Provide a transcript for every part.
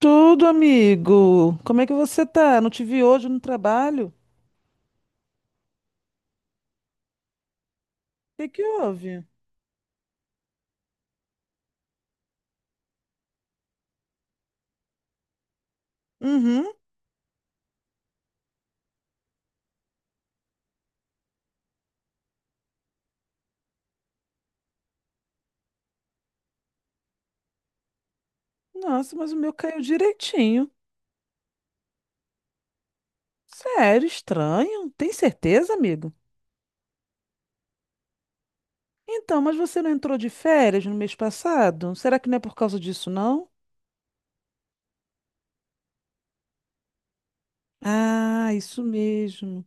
Tudo, amigo. Como é que você tá? Não te vi hoje no trabalho? O que que houve? Uhum. Nossa, mas o meu caiu direitinho. Sério, estranho. Tem certeza, amigo? Então, mas você não entrou de férias no mês passado? Será que não é por causa disso, não? Ah, isso mesmo.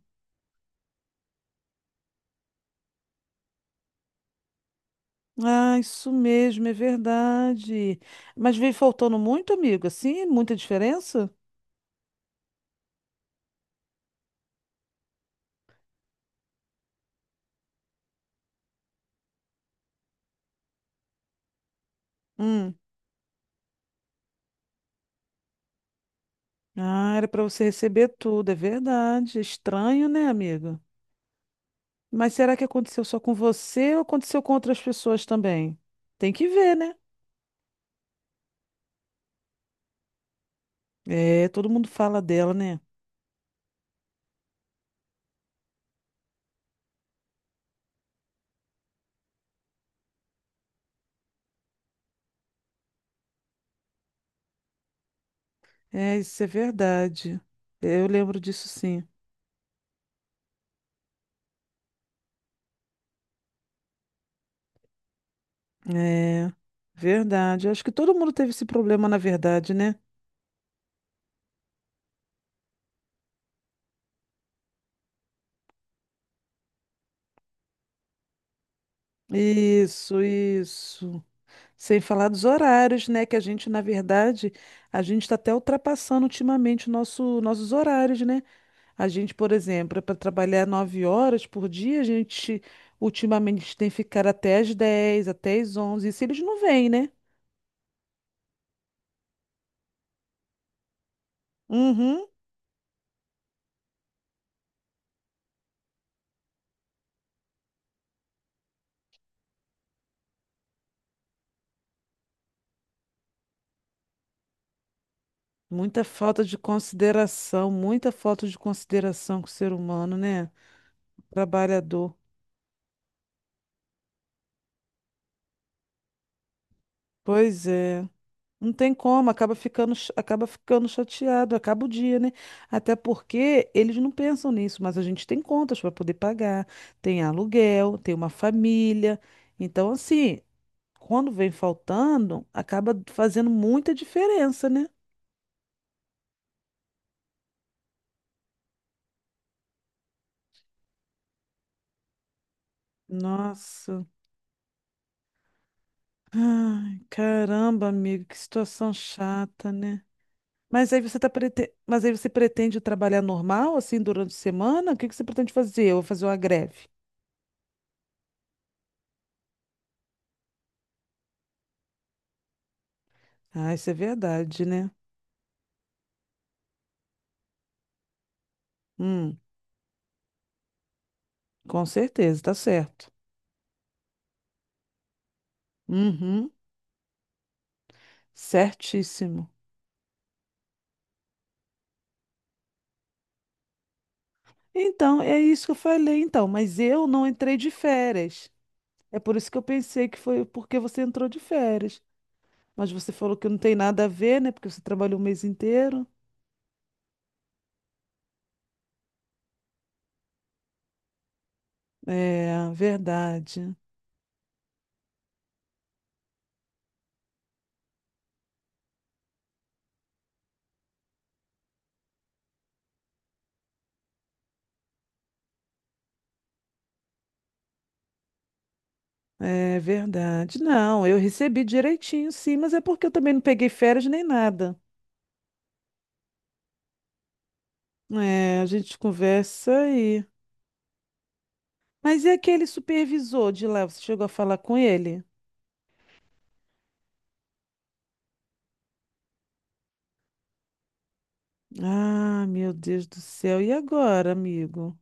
Ah, isso mesmo, é verdade. Mas veio faltando muito, amigo, assim? Muita diferença? Hum. Ah, era pra você receber tudo, é verdade. Estranho, né, amigo? Mas será que aconteceu só com você ou aconteceu com outras pessoas também? Tem que ver, né? É, todo mundo fala dela, né? É, isso é verdade. É, eu lembro disso sim. É, verdade. Eu acho que todo mundo teve esse problema, na verdade, né? Isso, isso. Sem falar dos horários, né? Que a gente, na verdade, a gente está até ultrapassando ultimamente o nossos horários, né? A gente, por exemplo, para trabalhar 9 horas por dia, a gente ultimamente tem que ficar até as 10 até as 11 e se eles não vêm, né? Uhum. Muita falta de consideração, muita falta de consideração com o ser humano, né? Trabalhador. Pois é. Não tem como, acaba ficando, acaba ficando chateado, acaba o dia, né? Até porque eles não pensam nisso, mas a gente tem contas para poder pagar, tem aluguel, tem uma família. Então, assim, quando vem faltando, acaba fazendo muita diferença, né? Nossa. Ai, caramba, amigo, que situação chata, né? Mas aí você pretende trabalhar normal, assim, durante a semana? O que que você pretende fazer? Eu vou fazer uma greve. Ah, isso é verdade, né? Hum, com certeza, tá certo. Uhum, certíssimo. Então, é isso que eu falei, então, mas eu não entrei de férias. É por isso que eu pensei que foi porque você entrou de férias. Mas você falou que não tem nada a ver, né? Porque você trabalhou o mês inteiro. É, verdade. É verdade. Não, eu recebi direitinho, sim, mas é porque eu também não peguei férias nem nada. É, a gente conversa aí. Mas e aquele supervisor de lá? Você chegou a falar com ele? Ah, meu Deus do céu. E agora, amigo?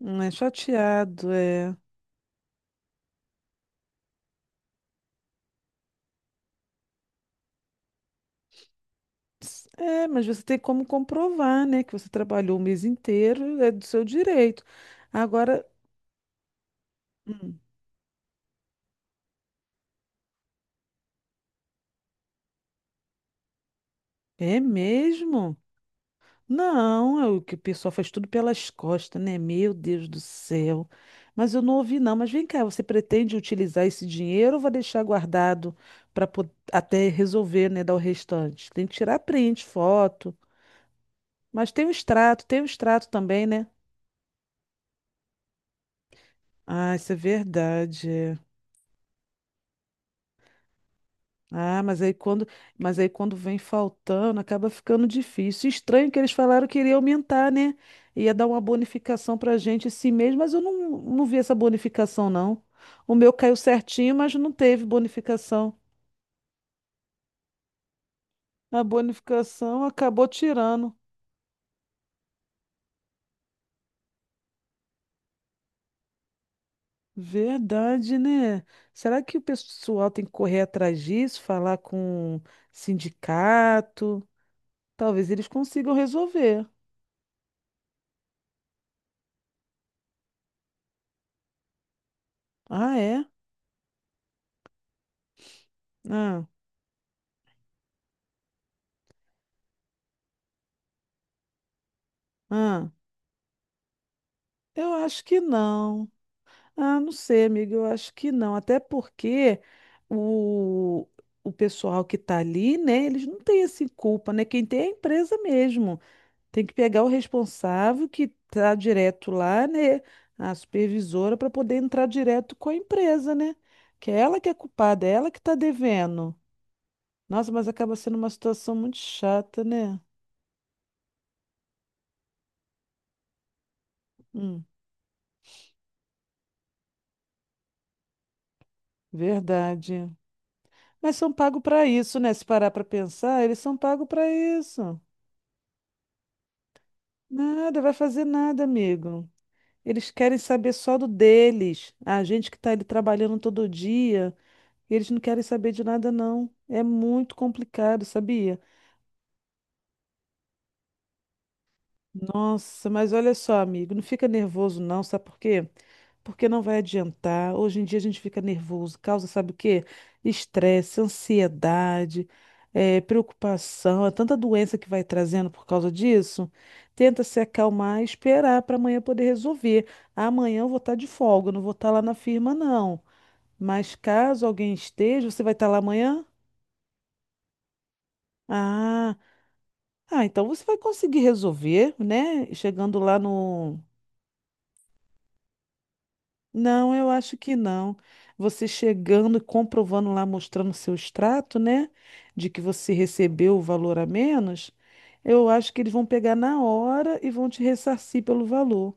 É chateado, é. É, mas você tem como comprovar, né, que você trabalhou o mês inteiro, é do seu direito. Agora. Hum. É mesmo? Não, é o que o pessoal faz tudo pelas costas, né? Meu Deus do céu. Mas eu não ouvi, não. Mas vem cá, você pretende utilizar esse dinheiro ou vai deixar guardado para até resolver, né? Dar o restante? Tem que tirar print, foto. Mas tem o extrato também, né? Ah, isso é verdade. É. Ah, mas aí quando vem faltando, acaba ficando difícil. Estranho que eles falaram que iria aumentar, né? Ia dar uma bonificação pra gente esse mês, mas eu não vi essa bonificação, não. O meu caiu certinho, mas não teve bonificação. A bonificação acabou tirando. Verdade, né? Será que o pessoal tem que correr atrás disso, falar com sindicato? Talvez eles consigam resolver. Ah, é? Ah, ah. Eu acho que não. Ah, não sei, amigo, eu acho que não. Até porque o, o pessoal que está ali, né, eles não têm assim culpa, né? Quem tem é a empresa mesmo. Tem que pegar o responsável que está direto lá, né, a supervisora, para poder entrar direto com a empresa, né? Que é ela que é culpada, é ela que está devendo. Nossa, mas acaba sendo uma situação muito chata, né? Hum, verdade. Mas são pagos para isso, né? Se parar para pensar, eles são pagos para isso. Nada, vai fazer nada, amigo. Eles querem saber só do deles. A gente que tá ali trabalhando todo dia, eles não querem saber de nada, não. É muito complicado, sabia? Nossa, mas olha só, amigo, não fica nervoso não, sabe por quê? Porque não vai adiantar. Hoje em dia a gente fica nervoso, causa, sabe o quê? Estresse, ansiedade, preocupação, é tanta doença que vai trazendo por causa disso. Tenta se acalmar e esperar para amanhã poder resolver. Amanhã eu vou estar de folga, eu não vou estar lá na firma, não. Mas caso alguém esteja, você vai estar lá amanhã? Ah, ah, então você vai conseguir resolver, né? Chegando lá no... Não, eu acho que não. Você chegando e comprovando lá, mostrando o seu extrato, né? De que você recebeu o valor a menos, eu acho que eles vão pegar na hora e vão te ressarcir pelo valor,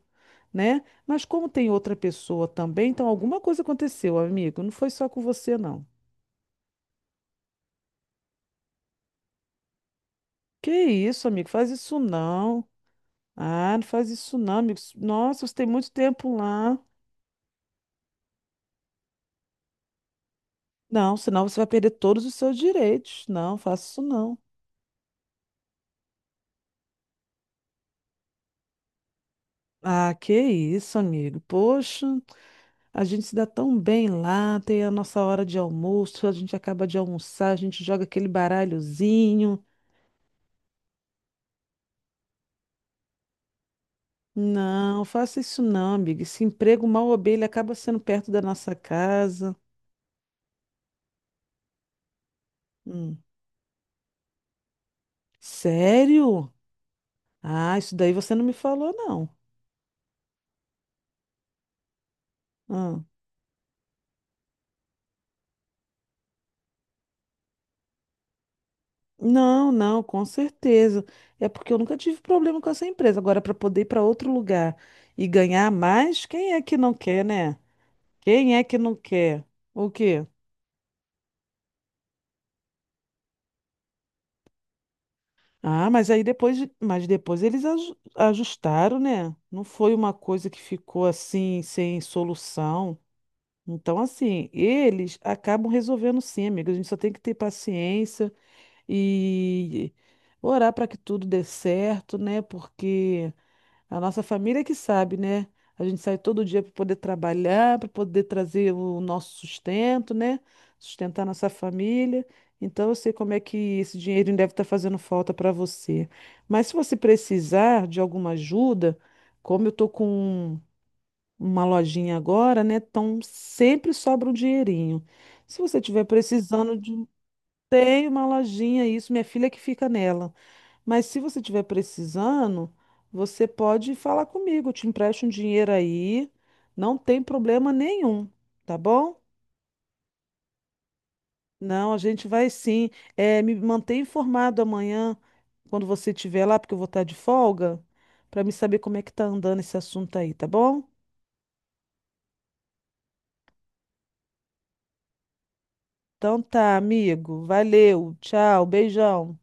né? Mas como tem outra pessoa também, então alguma coisa aconteceu, amigo. Não foi só com você, não. Que isso, amigo? Faz isso não. Ah, não faz isso não, amigo. Nossa, você tem muito tempo lá. Não, senão você vai perder todos os seus direitos. Não, faça isso não. Ah, que isso, amigo. Poxa, a gente se dá tão bem lá, tem a nossa hora de almoço, a gente acaba de almoçar, a gente joga aquele baralhozinho. Não, faça isso não, amigo. Esse emprego mal ou bem, ele acaba sendo perto da nossa casa. Hum. Sério? Ah, isso daí você não me falou, não. Ah. Não, não, com certeza. É porque eu nunca tive problema com essa empresa. Agora, para poder ir para outro lugar e ganhar mais, quem é que não quer, né? Quem é que não quer? O quê? Ah, mas depois eles ajustaram, né? Não foi uma coisa que ficou assim, sem solução. Então, assim, eles acabam resolvendo sim, amiga. A gente só tem que ter paciência e orar para que tudo dê certo, né? Porque a nossa família que sabe, né? A gente sai todo dia para poder trabalhar, para poder trazer o nosso sustento, né? Sustentar nossa família. Então, eu sei como é que esse dinheirinho deve estar fazendo falta para você. Mas se você precisar de alguma ajuda, como eu tô com uma lojinha agora, né? Então, sempre sobra um dinheirinho. Se você estiver precisando de tem uma lojinha, isso, minha filha que fica nela. Mas se você estiver precisando, você pode falar comigo, eu te empresto um dinheiro aí, não tem problema nenhum, tá bom? Não, a gente vai sim. É, me mantém informado amanhã, quando você estiver lá, porque eu vou estar de folga, para me saber como é que tá andando esse assunto aí, tá bom? Então tá, amigo. Valeu, tchau, beijão.